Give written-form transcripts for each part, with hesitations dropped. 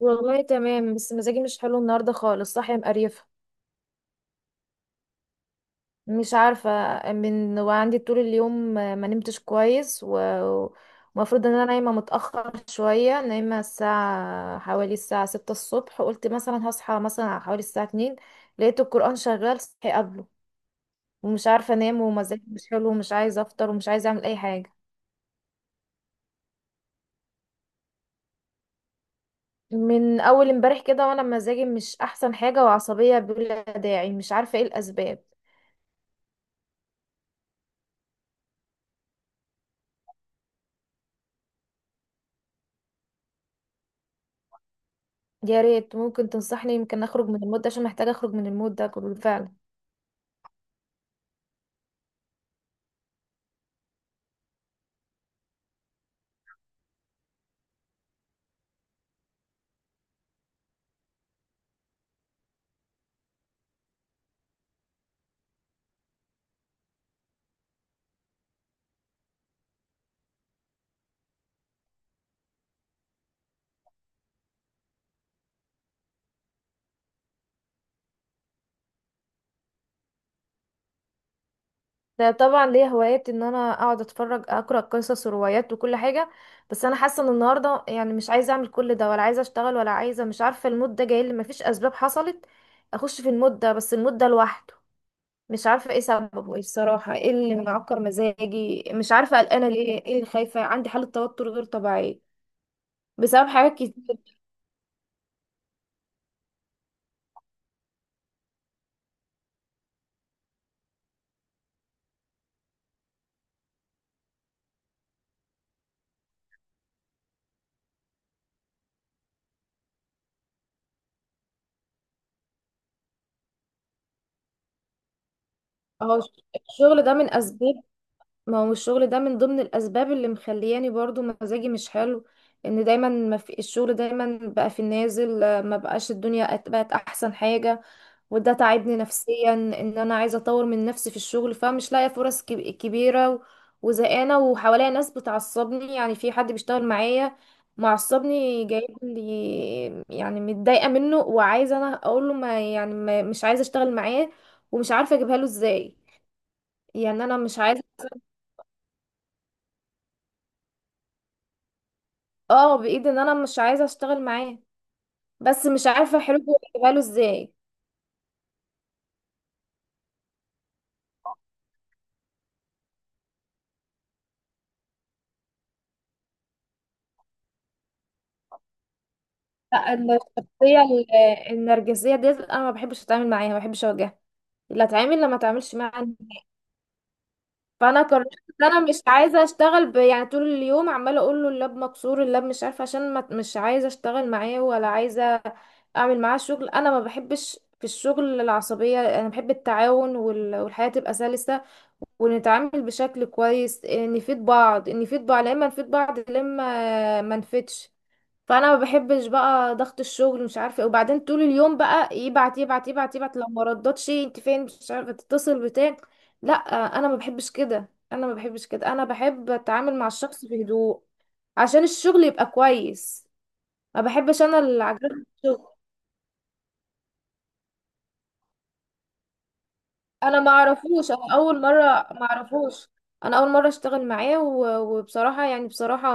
والله تمام، بس مزاجي مش حلو النهارده خالص. صاحيه مقريفه. مش عارفه. من وعندي طول اليوم ما نمتش كويس ومفروض ان انا نايمه متاخر شويه. نايمه الساعه حوالي الساعه 6 الصبح، قلت مثلا هصحى مثلا على حوالي الساعه 2. لقيت القران شغال صحي قبله، ومش عارفه انام، ومزاجي مش حلو، ومش عايزه افطر، ومش عايزه اعمل اي حاجه. من اول امبارح كده وانا مزاجي مش احسن حاجه، وعصبيه بلا داعي مش عارفه ايه الاسباب. يا ريت ممكن تنصحني، يمكن اخرج من المود ده، عشان محتاجه اخرج من المود ده كله فعلا. ده طبعا ليا هوايات ان انا اقعد اتفرج اقرا قصص وروايات وكل حاجه، بس انا حاسه ان النهارده يعني مش عايزه اعمل كل ده، ولا عايزه اشتغل، ولا عايزه، مش عارفه. المود ده جاي لي مفيش اسباب حصلت. اخش في المود ده، بس المود ده لوحده مش عارفه ايه سببه، ايه الصراحه ايه اللي معكر مزاجي، مش عارفه قلقانه ليه، ايه اللي خايفه، عندي حاله توتر غير طبيعيه بسبب حاجات كتير. اهو الشغل ده من اسباب. ما هو الشغل ده من ضمن الاسباب اللي مخلياني برضو مزاجي مش حلو. ان دايما ما في الشغل دايما بقى في النازل، ما بقاش الدنيا بقت احسن حاجة. وده تعبني نفسيا ان انا عايزة اطور من نفسي في الشغل، فمش لاقية فرص كبيرة وزهقانة، وحواليا ناس بتعصبني، يعني في حد بيشتغل معايا معصبني جايب لي، يعني متضايقة منه، وعايزة انا اقول له ما يعني ما مش عايزة اشتغل معاه، ومش عارفة اجيبها له ازاي. يعني انا مش عايزة. اه بايد ان انا مش عايزه اشتغل معاه، بس مش عارفه حلوه اجيبها له ازاي. لا الشخصيه، ال- النرجسيه ديت انا ما بحبش اتعامل معاها، ما بحبش اواجهها اللي اتعامل لما اتعاملش معاها نهائي. فانا قررت ان انا مش عايزه اشتغل، يعني طول اليوم عماله اقول له اللاب مكسور، اللاب مش عارفه، عشان ما... مش عايزه اشتغل معاه، ولا عايزه اعمل معاه شغل. انا ما بحبش في الشغل العصبيه، انا بحب التعاون والحياه تبقى سلسه، ونتعامل بشكل كويس. نفيد بعض نفيد بعض لما نفيد بعض لما ما نفيدش. فانا ما بحبش بقى ضغط الشغل مش عارفه إيه. وبعدين طول اليوم بقى يبعت يبعت يبعت يبعت، لو ما ردتش انت فين مش عارفه تتصل بتاع. لا، انا ما بحبش كده، انا ما بحبش كده، انا بحب اتعامل مع الشخص بهدوء عشان الشغل يبقى كويس، ما بحبش انا اللي عجبت الشغل. انا ما اعرفوش، انا اول مره ما اعرفوش، انا اول مره اشتغل معاه وبصراحه، يعني بصراحه،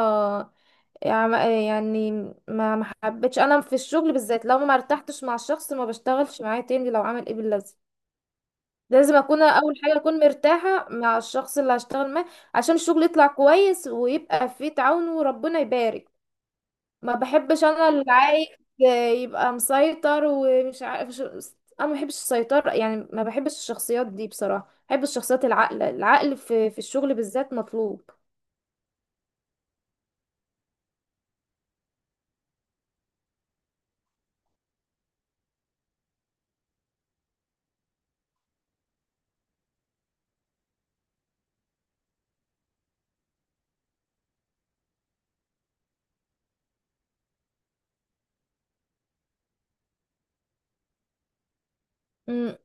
يعني ما حبيتش انا في الشغل بالذات لو ما ارتحتش مع الشخص ما بشتغلش معاه تاني لو عمل ايه باللازم. لازم اكون اول حاجه اكون مرتاحه مع الشخص اللي هشتغل معاه عشان الشغل يطلع كويس، ويبقى فيه تعاون، وربنا يبارك. ما بحبش انا اللي عايز يبقى مسيطر ومش عارف انا ما بحبش السيطره، يعني ما بحبش الشخصيات دي بصراحه، بحب الشخصيات العاقله، العقل في في الشغل بالذات مطلوب. امم.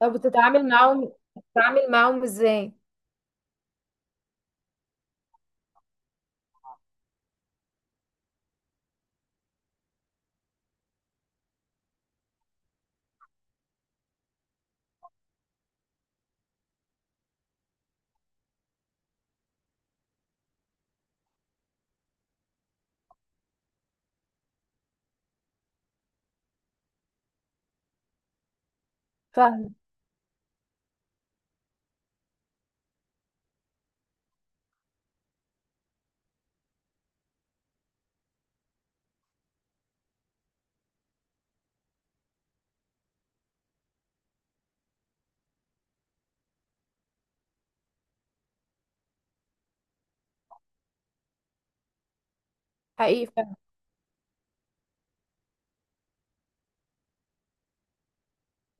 طب بتتعامل معاهم ازاي؟ حقيقي فعلا.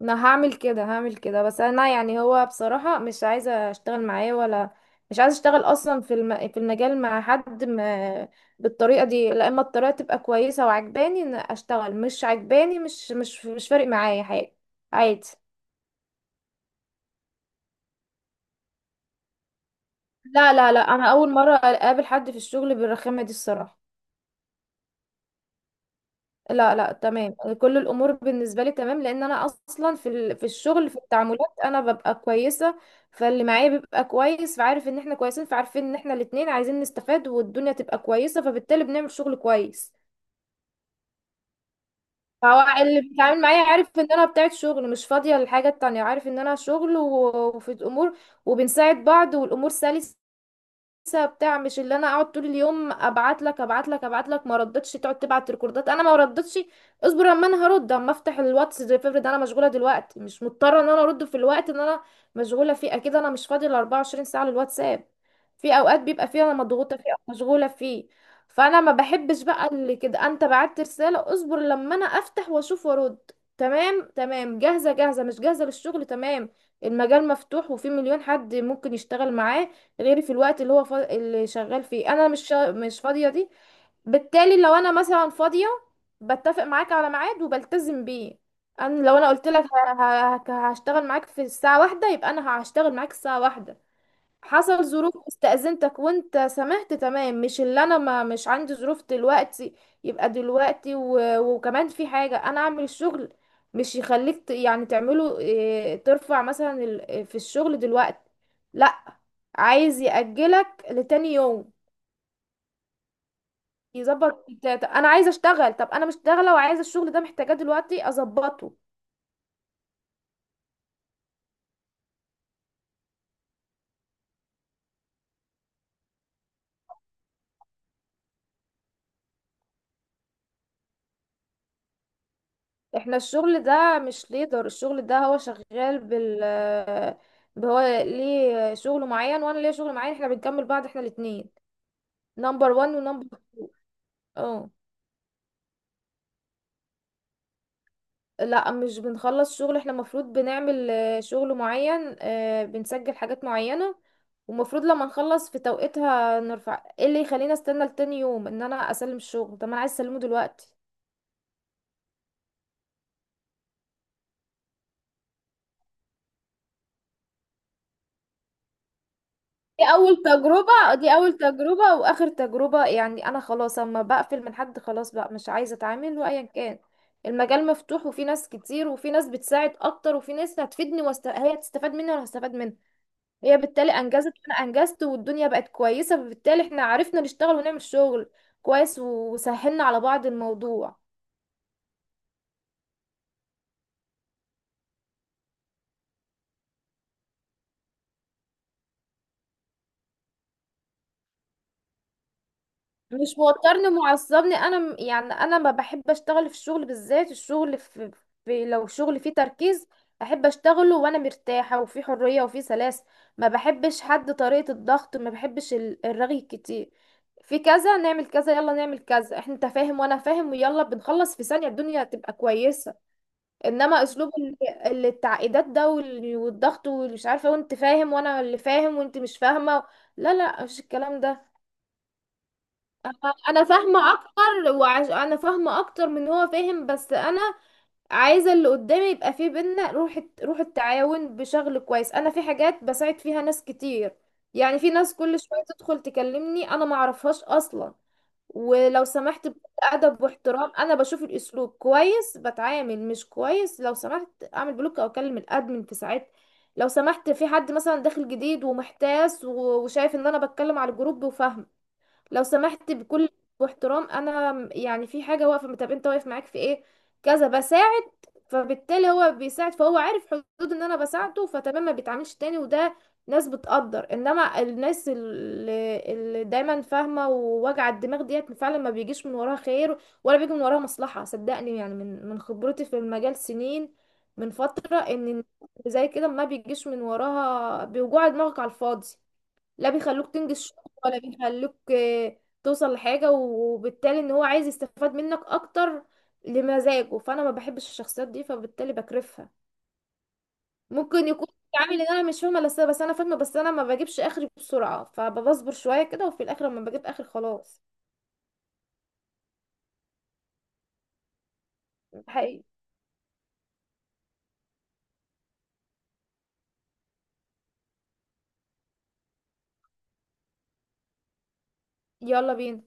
انا هعمل كده هعمل كده، بس انا يعني هو بصراحة مش عايزة اشتغل معاه، ولا مش عايزة اشتغل اصلا في في المجال مع حد، ما... بالطريقة دي. لا، اما الطريقة تبقى كويسة وعجباني ان اشتغل، مش عجباني مش فارق معايا حاجة. عادي. لا لا لا، انا اول مرة اقابل حد في الشغل بالرخامة دي الصراحة. لا لا تمام. كل الامور بالنسبه لي تمام لان انا اصلا في في الشغل في التعاملات انا ببقى كويسه، فاللي معايا بيبقى كويس، فعارف ان احنا كويسين، فعارفين ان احنا الاتنين عايزين نستفاد، والدنيا تبقى كويسه، فبالتالي بنعمل شغل كويس. فهو اللي بيتعامل معايا عارف ان انا بتاعت شغل مش فاضيه للحاجه التانية، عارف ان انا شغل وفي الامور، وبنساعد بعض، والامور سلسه لسه بتاع. مش اللي انا اقعد طول اليوم ابعت لك ابعت لك ابعت لك، ما ردتش تقعد تبعت ريكوردات، انا ما ردتش اصبر اما انا هرد، اما افتح الواتس زي فيفرد. انا مشغوله دلوقتي، مش مضطره ان انا ارد في الوقت ان انا مشغوله فيه. اكيد انا مش فاضيه ال 24 ساعه للواتساب. في اوقات بيبقى فيها انا مضغوطه فيه او مشغوله فيه. فانا ما بحبش بقى اللي كده انت بعت رساله اصبر لما انا افتح واشوف وارد. تمام تمام، جاهزه جاهزه، مش جاهزه للشغل، تمام. المجال مفتوح، وفي مليون حد ممكن يشتغل معاه غير في الوقت اللي هو اللي شغال فيه انا مش مش فاضية دي. بالتالي لو انا مثلا فاضية، بتفق معاك على ميعاد وبلتزم بيه. انا لو انا قلت لك هشتغل معاك في الساعة واحدة، يبقى انا هشتغل معاك الساعة واحدة. حصل ظروف استأذنتك وانت سمحت تمام، مش اللي انا ما مش عندي ظروف دلوقتي يبقى دلوقتي، وكمان في حاجة انا اعمل الشغل مش يخليك يعني تعمله إيه، ترفع مثلا في الشغل دلوقتي. لا، عايز يأجلك لتاني يوم، يظبط انا عايزه اشتغل، طب انا مش شغاله، وعايزه الشغل ده محتاجاه دلوقتي اظبطه. احنا الشغل ده مش ليدر، الشغل ده هو شغال بال، هو ليه شغل معين وانا ليا شغل معين، احنا بنكمل بعض، احنا الاتنين نمبر وان ونمبر تو. اه لا مش بنخلص شغل، احنا المفروض بنعمل شغل معين، بنسجل حاجات معينة، ومفروض لما نخلص في توقيتها نرفع، ايه اللي يخليني استنى لتاني يوم ان انا اسلم الشغل، طب ما انا عايز اسلمه دلوقتي. دي اول تجربة، دي اول تجربة واخر تجربة، يعني انا خلاص اما بقفل من حد خلاص بقى مش عايزة اتعامل وايا كان. المجال مفتوح، وفي ناس كتير، وفي ناس بتساعد اكتر، وفي ناس هتفيدني، هي هتستفاد مني وانا هستفاد منها. هي بالتالي انجزت وانا انجزت، والدنيا بقت كويسة، فبالتالي احنا عرفنا نشتغل ونعمل شغل كويس، وسهلنا على بعض الموضوع. مش موترني معصبني، انا يعني انا ما بحب اشتغل في الشغل بالذات. الشغل في، في لو شغل فيه تركيز احب اشتغله وانا مرتاحه، وفي حريه، وفي سلاسه. ما بحبش حد طريقه الضغط، ما بحبش الرغي كتير في كذا نعمل كذا يلا نعمل كذا، احنا انت فاهم وانا فاهم ويلا بنخلص في ثانيه الدنيا تبقى كويسه. انما اسلوب التعقيدات ده والضغط واللي مش عارفه وانت فاهم وانا اللي فاهم وانت مش فاهمه. لا لا مش الكلام ده. انا فاهمه اكتر، انا فاهمه اكتر من هو فاهم، بس انا عايزه اللي قدامي يبقى فيه بينا روح روح التعاون بشغل كويس. انا في حاجات بساعد فيها ناس كتير، يعني في ناس كل شويه تدخل تكلمني انا ما اعرفهاش اصلا، ولو سمحت بأدب واحترام، انا بشوف الاسلوب كويس بتعامل، مش كويس لو سمحت اعمل بلوك او اكلم الادمن. في ساعات لو سمحت في حد مثلا داخل جديد ومحتاس وشايف ان انا بتكلم على الجروب وفاهمه لو سمحت بكل واحترام، انا يعني في حاجه واقفه طب انت واقف معاك في ايه كذا بساعد، فبالتالي هو بيساعد، فهو عارف حدود ان انا بساعده فتمام، ما بيتعاملش تاني. وده ناس بتقدر، انما الناس اللي دايما فاهمه ووجع الدماغ ديت فعلا ما بيجيش من وراها خير ولا بيجي من وراها مصلحه، صدقني. يعني من خبرتي في المجال سنين من فتره ان زي كده ما بيجيش من وراها، بيوجع دماغك على الفاضي، لا بيخلوك تنجز شغل ولا بيخلوك توصل لحاجة، وبالتالي ان هو عايز يستفاد منك اكتر لمزاجه، فانا ما بحبش الشخصيات دي فبالتالي بكرفها. ممكن يكون عامل ان انا مش فاهمة، بس انا فاهمة، بس انا ما بجيبش اخري بسرعة فبصبر شوية كده، وفي الاخر لما بجيب اخر خلاص. حقيقي يلا بينا.